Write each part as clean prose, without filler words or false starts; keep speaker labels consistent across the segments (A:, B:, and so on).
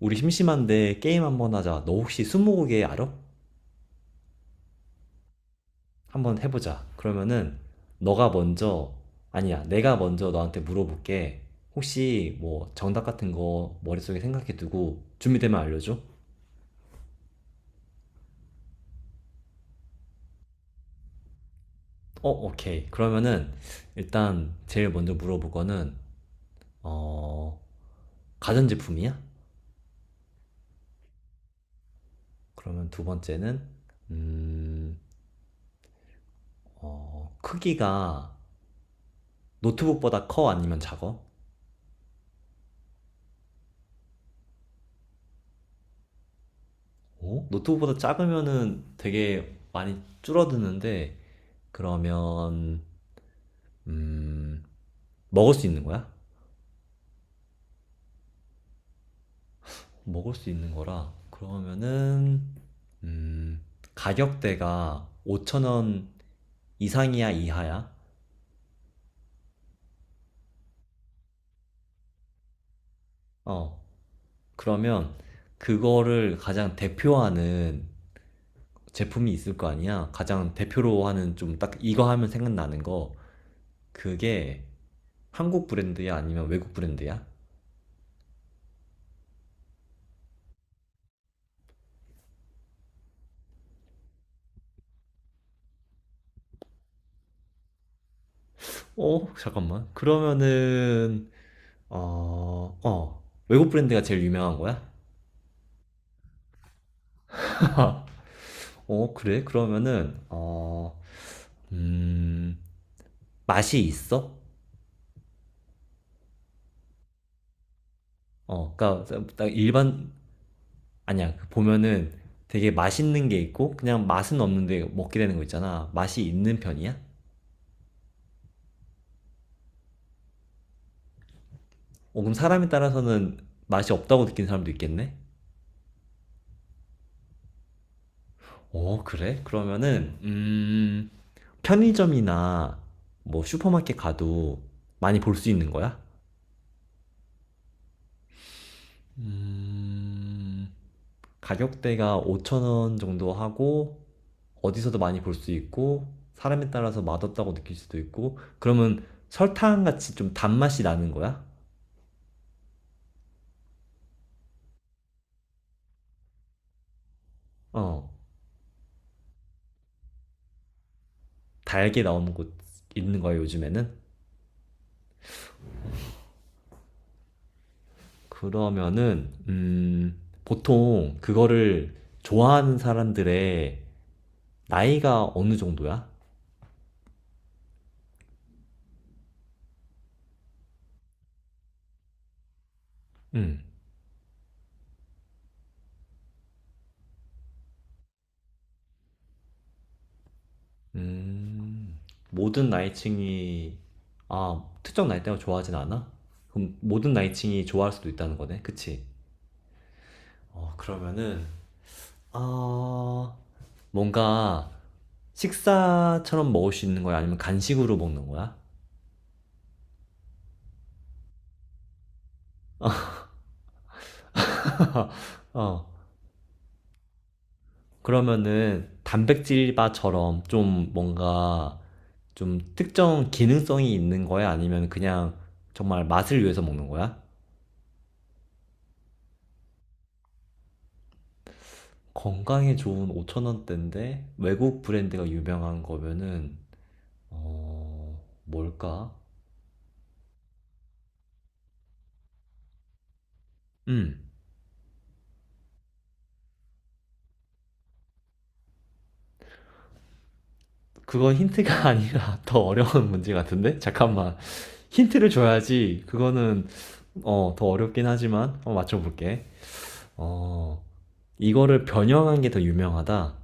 A: 우리 심심한데 게임 한번 하자. 너 혹시 스무고개 알아? 한번 해보자. 그러면은 너가 먼저 아니야. 내가 먼저 너한테 물어볼게. 혹시 뭐 정답 같은 거 머릿속에 생각해 두고 준비되면 알려줘. 오케이. 그러면은 일단 제일 먼저 물어볼 거는 어, 가전제품이야? 그러면 두 번째는 음, 크기가 노트북보다 커 아니면 작아? 오? 노트북보다 작으면은 되게 많이 줄어드는데 그러면 음 먹을 수 있는 거야? 먹을 수 있는 거라 그러면은 음 가격대가 5천원 이상이야 이하야? 어, 그러면 그거를 가장 대표하는 제품이 있을 거 아니야? 가장 대표로 하는 좀 딱 이거 하면 생각나는 거 그게 한국 브랜드야 아니면 외국 브랜드야? 어, 잠깐만. 그러면은, 외국 브랜드가 제일 유명한 거야? 어, 그래? 그러면은, 음, 맛이 있어? 어, 그니까, 딱 일반, 아니야. 그 보면은 되게 맛있는 게 있고, 그냥 맛은 없는데 먹게 되는 거 있잖아. 맛이 있는 편이야? 그럼 사람에 따라서는 맛이 없다고 느낀 사람도 있겠네? 어, 그래? 그러면은, 편의점이나 뭐 슈퍼마켓 가도 많이 볼 수 있는 거야? 음, 가격대가 5천원 정도 하고, 어디서도 많이 볼 수 있고, 사람에 따라서 맛없다고 느낄 수도 있고, 그러면 설탕 같이 좀 단맛이 나는 거야? 어, 달게 나오는 곳 있는 거야, 요즘에는? 그러면은, 보통 그거를 좋아하는 사람들의 나이가 어느 정도야? 음. 음, 모든 나이층이, 아, 특정 나이대가 좋아하진 않아? 그럼 모든 나이층이 좋아할 수도 있다는 거네? 그치? 어, 그러면은, 아, 뭔가 식사처럼 먹을 수 있는 거야? 아니면 간식으로 먹는 거야? 어, 그러면은 단백질바처럼 좀 뭔가 좀 특정 기능성이 있는 거야? 아니면 그냥 정말 맛을 위해서 먹는 거야? 건강에 좋은 5,000원대인데 외국 브랜드가 유명한 거면은 뭘까? 음, 그건 힌트가 아니라 더 어려운 문제 같은데? 잠깐만. 힌트를 줘야지. 그거는 더 어렵긴 하지만 한번 맞춰볼게. 어, 이거를 변형한 게 더 유명하다.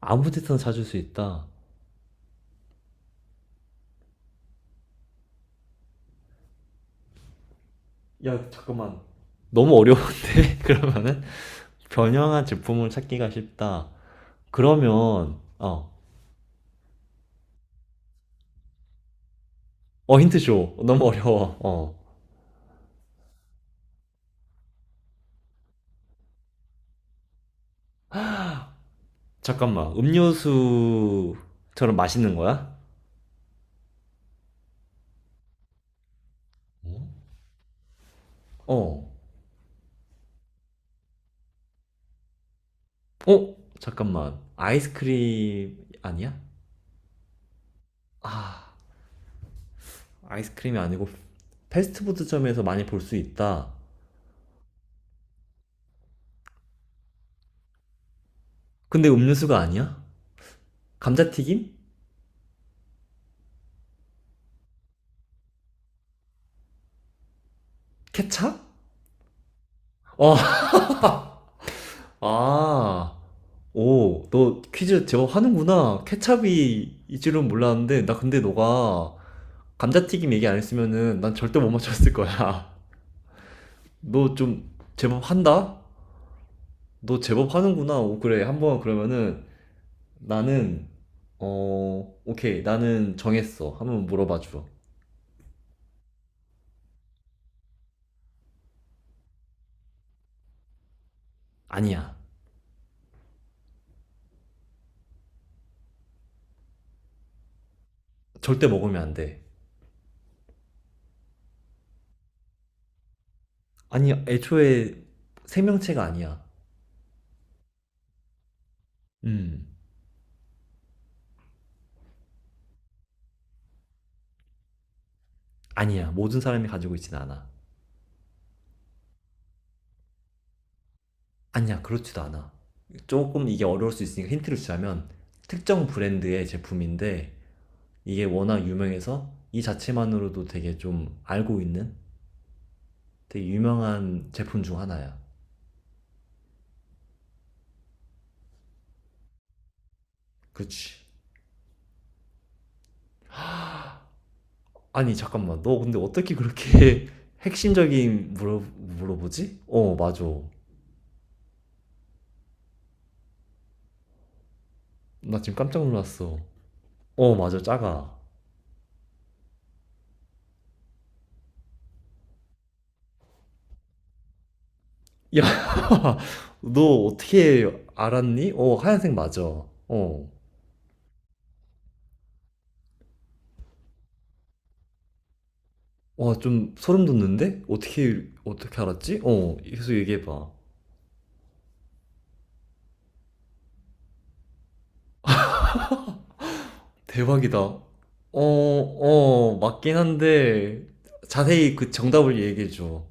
A: 아무 데서나 찾을 수 있다. 야, 잠깐만. 너무 어려운데? 그러면은 변형한 제품을 찾기가 쉽다. 그러면 어, 힌트쇼 너무 어려워. 잠깐만, 음료수처럼 맛있는 거야? 어? 어? 어? 잠깐만, 아이스크림 아니야? 아 아이스크림이 아니고 패스트푸드점에서 많이 볼 수 있다. 근데 음료수가 아니야? 감자튀김? 케찹? 어, 아, 오, 너 퀴즈 제법 하는구나. 케찹이 이 줄은 몰랐는데, 나 근데 너가 감자튀김 얘기 안 했으면은 난 절대 못 맞췄을 거야. 너 좀 제법 한다? 너 제법 하는구나. 오, 그래. 한 번 그러면은 나는 오케이. 나는 정했어. 한 번 물어봐 줘. 아니야. 절대 먹으면 안 돼. 아니, 애초에 생명체가 아니야. 음. 아니야. 모든 사람이 가지고 있진 않아. 아니야. 그렇지도 않아. 조금 이게 어려울 수 있으니까 힌트를 주자면 특정 브랜드의 제품인데 이게 워낙 유명해서 이 자체만으로도 되게 좀 알고 있는 되게 유명한 제품 중 하나야. 그렇지. 아니, 잠깐만. 너 근데 어떻게 그렇게 핵심적인 물어보지? 어, 맞아. 나 지금 깜짝 놀랐어. 어, 맞아, 작아. 야, 너 어떻게 알았니? 어, 하얀색 맞아. 어. 와, 좀 소름 돋는데? 어떻게 어떻게 알았지? 어, 계속 얘기해봐. 대박이다. 어, 어, 맞긴 한데 자세히 그 정답을 얘기해줘.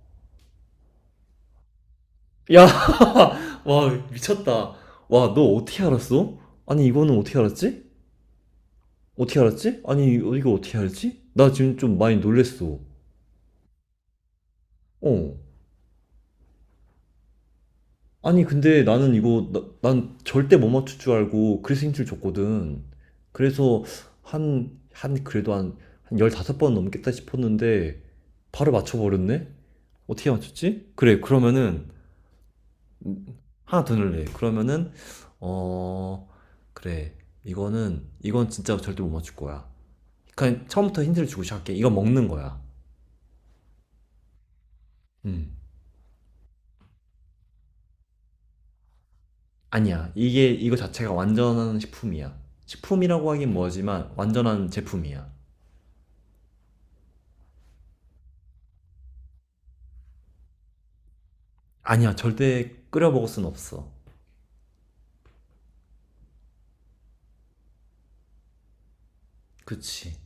A: 야, 와, 미쳤다. 와, 너 어떻게 알았어? 아니, 이거는 어떻게 알았지? 어떻게 알았지? 아니, 이거 이거 어떻게 알았지? 나 지금 좀 많이 놀랬어. 어. 아니, 근데 나는 이거, 난 절대 못 맞출 줄 알고 그래서 힌트를 줬거든. 그래서 그래도 한 15번 넘겠다 싶었는데 바로 맞춰버렸네? 어떻게 맞췄지? 그래, 그러면은 하나 더 넣을래. 그러면은 어 그래, 이거는 이건 진짜 절대 못 맞출 거야. 그냥 처음부터 힌트를 주고 시작할게. 이거 먹는 거야. 음 아니야, 이게 이거 자체가 완전한 식품이야. 식품이라고 하긴 뭐지만 완전한 제품이야. 아니야, 절대 끓여 먹을 순 없어. 그치.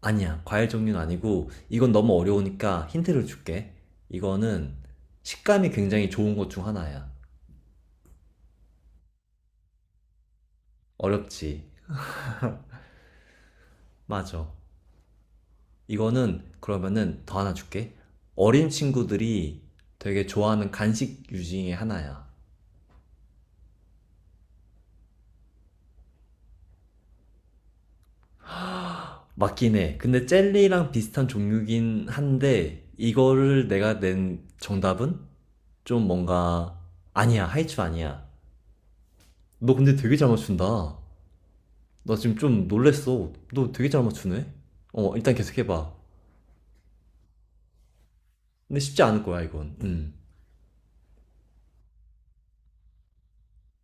A: 아니야, 과일 종류는 아니고 이건 너무 어려우니까 힌트를 줄게. 이거는 식감이 굉장히 좋은 것 중 하나야. 어렵지. 맞아. 이거는 그러면은 더 하나 줄게. 어린 친구들이 되게 좋아하는 간식 유징의 하나야. 맞긴 해. 근데 젤리랑 비슷한 종류긴 한데 이거를 내가 낸 정답은 좀 뭔가 아니야. 하이츄 아니야. 너 근데 되게 잘 맞춘다. 나 지금 좀 놀랬어. 너 되게 잘 맞추네. 어, 일단 계속 해봐. 근데 쉽지 않을 거야, 이건. 음.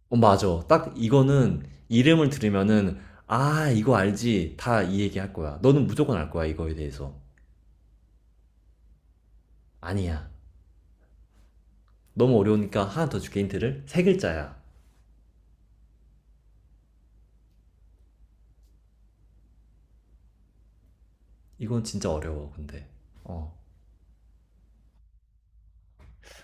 A: 어, 맞아. 딱 이거는 이름을 들으면은, 아, 이거 알지. 다 이 얘기 할 거야. 너는 무조건 알 거야, 이거에 대해서. 아니야. 너무 어려우니까 하나 더 줄게, 힌트를. 세 글자야. 이건 진짜 어려워, 근데. 어.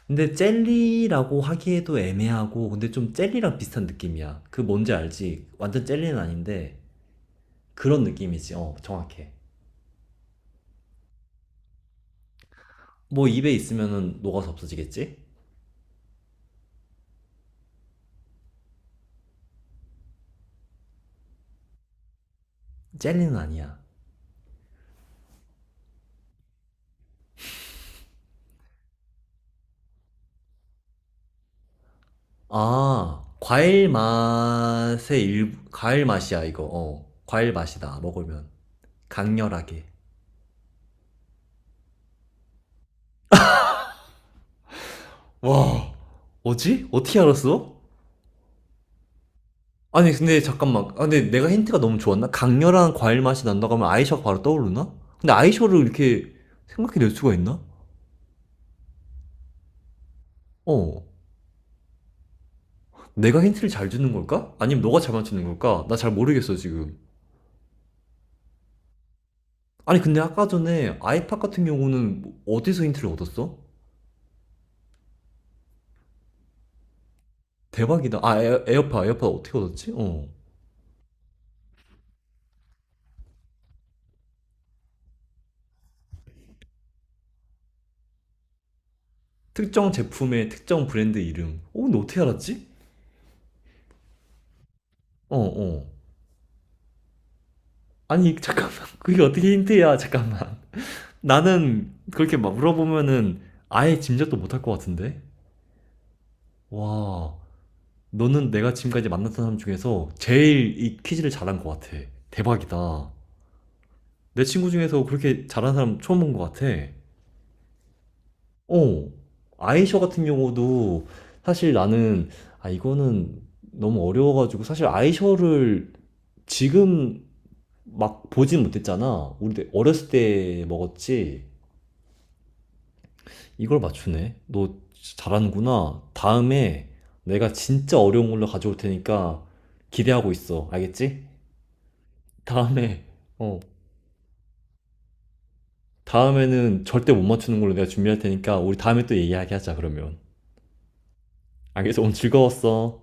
A: 근데 젤리라고 하기에도 애매하고, 근데 좀 젤리랑 비슷한 느낌이야. 그 뭔지 알지? 완전 젤리는 아닌데, 그런 느낌이지. 어, 정확해. 뭐 입에 있으면은 녹아서 없어지겠지? 젤리는 아니야. 아, 과일 맛이야, 이거. 과일 맛이다, 먹으면. 강렬하게. 와, 뭐지? 어떻게 알았어? 아니, 근데 잠깐만. 아, 근데 내가 힌트가 너무 좋았나? 강렬한 과일 맛이 난다고 하면 아이셔가 바로 떠오르나? 근데 아이셔를 이렇게 생각해낼 수가 있나? 어, 내가 힌트를 잘 주는 걸까? 아니면 너가 잘 맞추는 걸까? 나 잘 모르겠어, 지금. 아니, 근데 아까 전에 아이팟 같은 경우는 어디서 힌트를 얻었어? 대박이다. 아, 에어팟 어떻게 얻었지? 어. 특정 제품의 특정 브랜드 이름. 어, 너 어떻게 알았지? 어, 어. 아니, 잠깐만. 그게 어떻게 힌트야? 잠깐만. 나는 그렇게 막 물어보면은 아예 짐작도 못 할 것 같은데? 와, 너는 내가 지금까지 만났던 사람 중에서 제일 이 퀴즈를 잘한 것 같아. 대박이다. 내 친구 중에서 그렇게 잘한 사람 처음 본 것 같아. 어, 아이셔 같은 경우도 사실 이거는 너무 어려워가지고 사실 아이셔를 지금 막 보진 못했잖아. 우리 어렸을 때 먹었지. 이걸 맞추네. 너 잘하는구나. 다음에 내가 진짜 어려운 걸로 가져올 테니까 기대하고 있어. 알겠지? 다음에, 어, 다음에는 절대 못 맞추는 걸로 내가 준비할 테니까 우리 다음에 또 얘기하게 하자, 그러면. 알겠어. 오늘 즐거웠어.